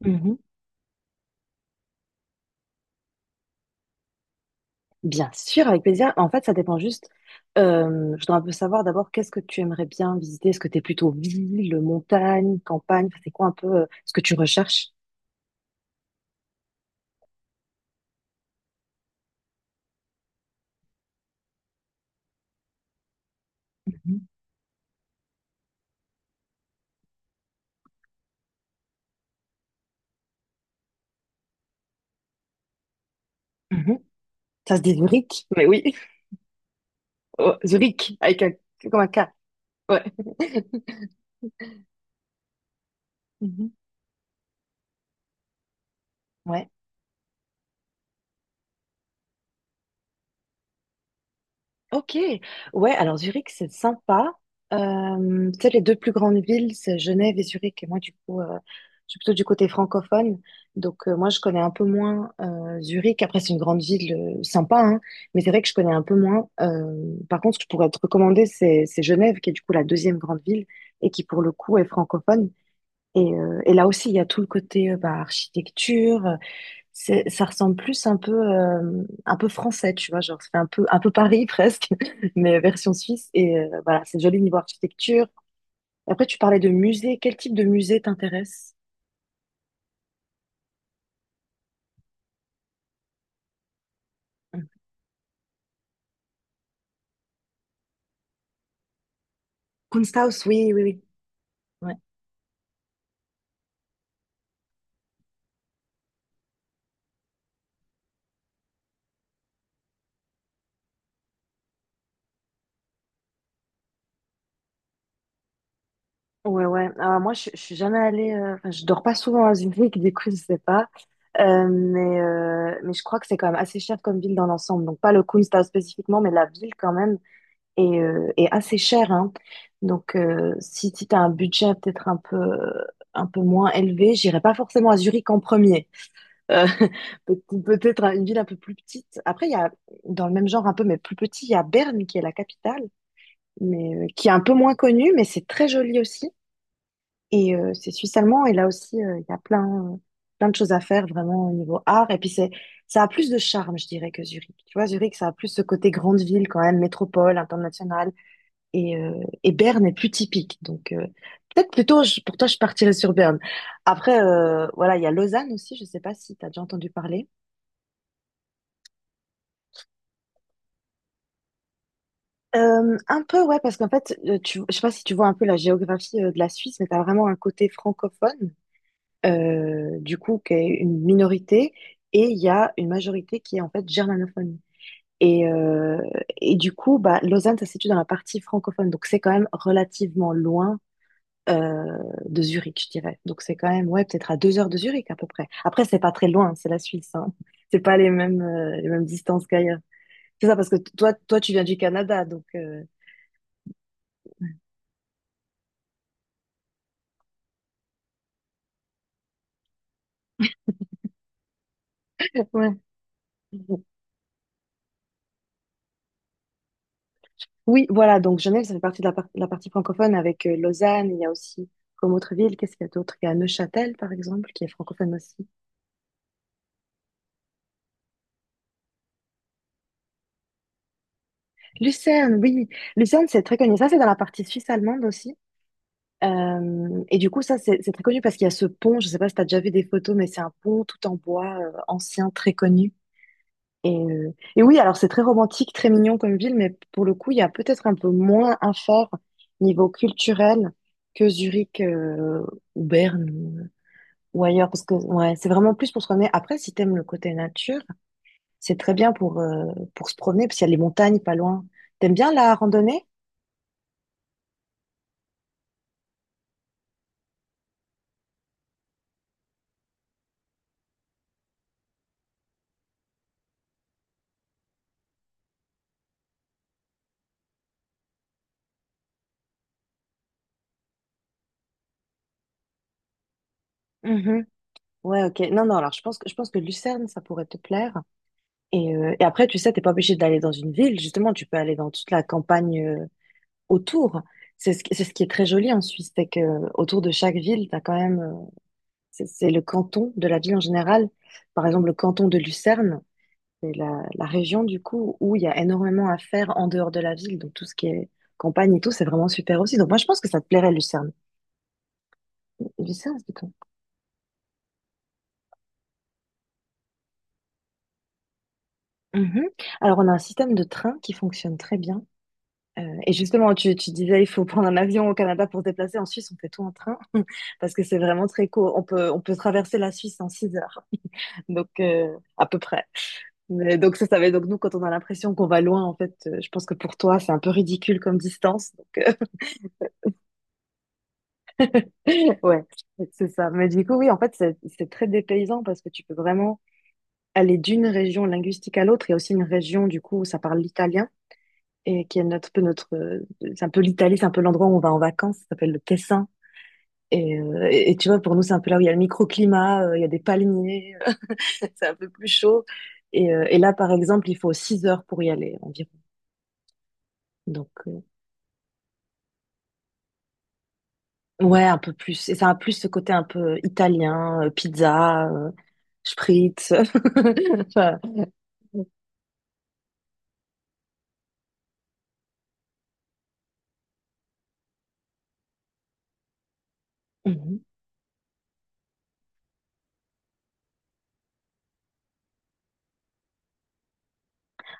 Mhm. Bien sûr, avec plaisir. En fait, ça dépend juste. Je dois un peu savoir d'abord qu'est-ce que tu aimerais bien visiter. Est-ce que tu es plutôt ville, montagne, campagne? Enfin, c'est quoi un peu ce que tu recherches? Mhm. Mhm. Ça se dit Zurich, mais oui, Oh, Zurich, avec un, comme un K. Ouais. Mhm. Ouais. Ok, ouais, alors Zurich, c'est sympa. Tu sais, les deux plus grandes villes, c'est Genève et Zurich. Et moi, du coup, je suis plutôt du côté francophone. Donc, moi, je connais un peu moins Zurich. Après, c'est une grande ville sympa, hein, mais c'est vrai que je connais un peu moins. Par contre, ce que je pourrais te recommander, c'est Genève, qui est du coup la deuxième grande ville et qui, pour le coup, est francophone. Et là aussi, il y a tout le côté bah, architecture, ça ressemble plus un peu français, tu vois, genre, ça fait un peu Paris presque, mais version suisse. Et voilà, c'est joli niveau architecture. Après, tu parlais de musée. Quel type de musée t'intéresse? Kunsthaus, oui, oui, oui. Ouais, ouais. Ouais. Alors, moi, je suis jamais allée. Enfin, je dors pas souvent à Zurich, du coup, je sais pas. Mais je crois que c'est quand même assez cher comme ville dans l'ensemble. Donc, pas le Kunsthaus spécifiquement, mais la ville quand même. Et assez cher, hein. Donc, si tu as un budget peut-être un peu moins élevé, j'irai pas forcément à Zurich en premier. Euh, peut-être à une ville un peu plus petite. Après, il y a, dans le même genre un peu, mais plus petit, il y a Berne qui est la capitale, mais qui est un peu moins connue, mais c'est très joli aussi. Et c'est suisse allemand, et là aussi, il y a plein, plein de choses à faire vraiment au niveau art. Et puis, c'est, ça a plus de charme, je dirais, que Zurich. Tu vois, Zurich, ça a plus ce côté grande ville quand même, métropole, internationale. Et, euh, et Berne est plus typique. Donc, peut-être plutôt, pour toi, je partirais sur Berne. Après, voilà, il y a Lausanne aussi. Je sais pas si tu as déjà entendu parler. Un peu, ouais, parce qu'en fait, je sais pas si tu vois un peu la géographie de la Suisse, mais tu as vraiment un côté francophone, du coup, qui est une minorité, et il y a une majorité qui est en fait germanophone. Et, euh, et du coup, bah, Lausanne, ça se situe dans la partie francophone, donc c'est quand même relativement loin euh, de Zurich, je dirais. Donc c'est quand même, ouais, peut-être à 2 heures de Zurich à peu près. Après, c'est pas très loin, hein, c'est la Suisse, hein. C'est pas les mêmes distances qu'ailleurs. C'est ça, parce que toi, tu viens du Canada, donc ouais. Oui, voilà, donc Genève, ça fait partie de la partie francophone avec Lausanne, il y a aussi comme autre ville, qu'est-ce qu'il y a d'autre? Il y a Neuchâtel, par exemple, qui est francophone aussi. Lucerne, oui, Lucerne, c'est très connu. Ça, c'est dans la partie suisse allemande aussi. Et du coup, ça, c'est très connu parce qu'il y a ce pont, je sais pas si tu as déjà vu des photos, mais c'est un pont tout en bois, ancien, très connu. Et oui, alors c'est très romantique, très mignon comme ville, mais pour le coup, il y a peut-être un peu moins à faire niveau culturel que Zurich, ou Berne, ou ailleurs, parce que ouais, c'est vraiment plus pour se promener. Après, si t'aimes le côté nature, c'est très bien pour se promener, parce qu'il y a les montagnes pas loin. T'aimes bien la randonnée? Ouais, ok. Non, non, alors je pense que Lucerne, ça pourrait te plaire. Et après, tu sais, t'es pas obligé d'aller dans une ville, justement, tu peux aller dans toute la campagne autour. C'est ce qui est très joli en Suisse, c'est que autour de chaque ville, t'as quand même, c'est le canton de la ville en général. Par exemple, le canton de Lucerne, c'est la région, du coup, où il y a énormément à faire en dehors de la ville. Donc, tout ce qui est campagne et tout, c'est vraiment super aussi. Donc, moi, je pense que ça te plairait, Lucerne. Lucerne, c'est tout. Mhm. Alors, on a un système de train qui fonctionne très bien. Et justement, tu disais: «Il faut prendre un avion au Canada pour se déplacer». En Suisse, on fait tout en train parce que c'est vraiment très court. On peut traverser la Suisse en 6 heures donc à peu près. Mais donc ça va donc nous, quand on a l'impression qu'on va loin, en fait, je pense que pour toi, c'est un peu ridicule comme distance donc ouais, c'est ça. Mais du coup, oui, en fait, c'est très dépaysant parce que tu peux vraiment aller d'une région linguistique à l'autre. Il y a aussi une région, du coup, où ça parle l'italien et qui est notre peu notre, c'est un peu l'Italie, c'est un peu l'endroit où on va en vacances, ça s'appelle le Tessin. Et tu vois, pour nous, c'est un peu là où il y a le microclimat, il y a des palmiers, c'est un peu plus chaud. Et là, par exemple, il faut 6 heures pour y aller environ. Donc, ouais, un peu plus. Et ça a plus ce côté un peu italien, pizza, spritz. Enfin, Mhm.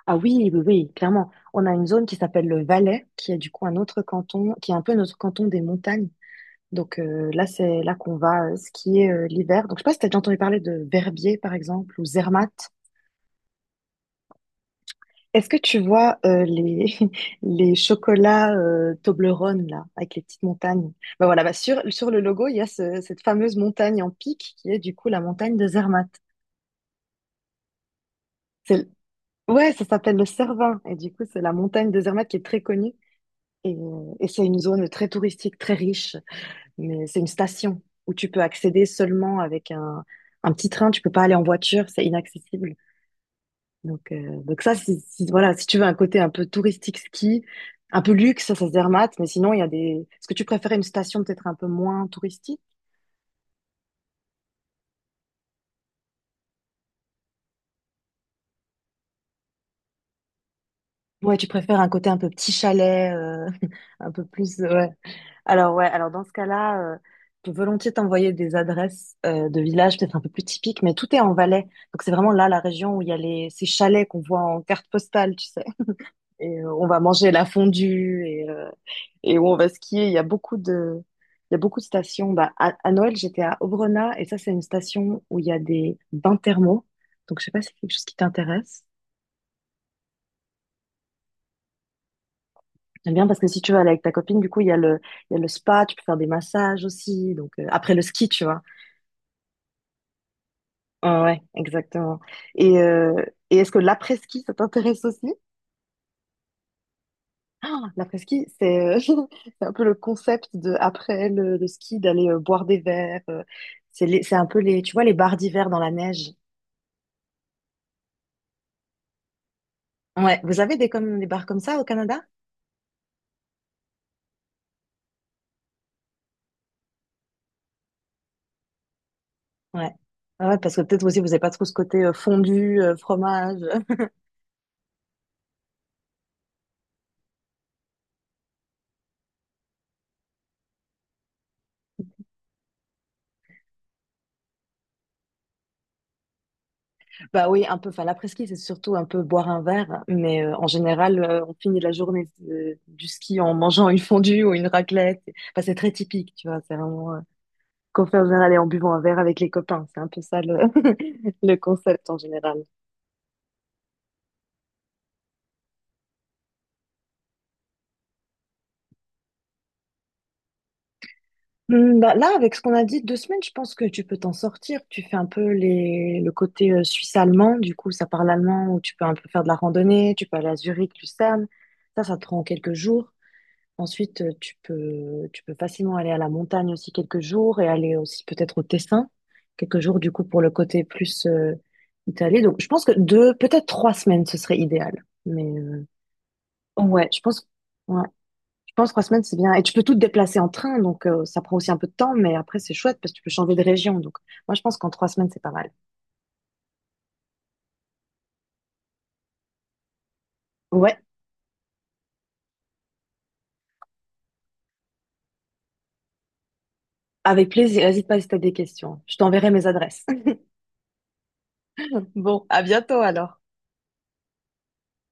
Ah oui, oui, oui, clairement. On a une zone qui s'appelle le Valais, qui est du coup un autre canton, qui est un peu notre canton des montagnes. Donc là, c'est là qu'on va skier l'hiver. Donc je sais pas si tu as déjà entendu parler de Verbier, par exemple, ou Zermatt. Est-ce que tu vois les, les chocolats Toblerone, là, avec les petites montagnes? Ben voilà, bah sur le logo, il y a cette fameuse montagne en pic qui est du coup la montagne de Zermatt. C'est- Ouais, ça s'appelle le Cervin, et du coup, c'est la montagne de Zermatt qui est très connue. Et c'est une zone très touristique, très riche, mais c'est une station où tu peux accéder seulement avec un petit train, tu peux pas aller en voiture, c'est inaccessible. Donc ça, voilà, si tu veux un côté un peu touristique ski, un peu luxe, ça se dermate. Mais sinon, il y a des. Est-ce que tu préférais une station peut-être un peu moins touristique? Ouais, tu préfères un côté un peu petit chalet, un peu plus. Ouais. Alors ouais, alors dans ce cas-là, je peux volontiers t'envoyer des adresses de villages peut-être un peu plus typiques, mais tout est en Valais. Donc c'est vraiment là la région où il y a les ces chalets qu'on voit en carte postale, tu sais. Et on va manger la fondue et où on va skier. Il y a beaucoup de, il y a beaucoup de stations. Bah, à Noël, j'étais à Obrona et ça, c'est une station où il y a des bains thermaux. Donc, je sais pas si c'est quelque chose qui t'intéresse. J'aime bien parce que si tu vas aller avec ta copine, du coup, il y a le spa, tu peux faire des massages aussi. Donc, après le ski, tu vois. Ah ouais, exactement. Et, euh, et est-ce que l'après-ski, ça t'intéresse aussi? Ah, l'après-ski, c'est c'est un peu le concept de après le ski d'aller boire des verres. C'est un peu les, tu vois, les bars d'hiver dans la neige. Ouais, vous avez des comme des bars comme ça au Canada? Ouais. Ah ouais, parce que peut-être aussi vous n'avez pas trop ce côté fondu, fromage. Bah oui, un peu. Enfin, l'après-ski, c'est surtout un peu boire un verre, mais en général, on finit la journée du ski en mangeant une fondue ou une raclette. Enfin, c'est très typique, tu vois. C'est vraiment. Confessionnal et en buvant un verre avec les copains. C'est un peu ça le, le concept en général. Hmm, bah là, avec ce qu'on a dit, 2 semaines, je pense que tu peux t'en sortir. Tu fais un peu le côté suisse-allemand, du coup, ça parle allemand, où tu peux un peu faire de la randonnée, tu peux aller à Zurich, Lucerne. Ça te prend quelques jours. Ensuite, tu peux facilement aller à la montagne aussi quelques jours et aller aussi peut-être au Tessin, quelques jours, du coup, pour le côté plus Italie. Donc, je pense que deux, peut-être 3 semaines, ce serait idéal. Mais, ouais, je pense, ouais, je pense 3 semaines, c'est bien. Et tu peux tout te déplacer en train, donc ça prend aussi un peu de temps, mais après, c'est chouette parce que tu peux changer de région. Donc, moi, je pense qu'en 3 semaines, c'est pas mal. Ouais, avec plaisir. N'hésite pas si t'as des questions. Je t'enverrai mes adresses. Bon, à bientôt alors.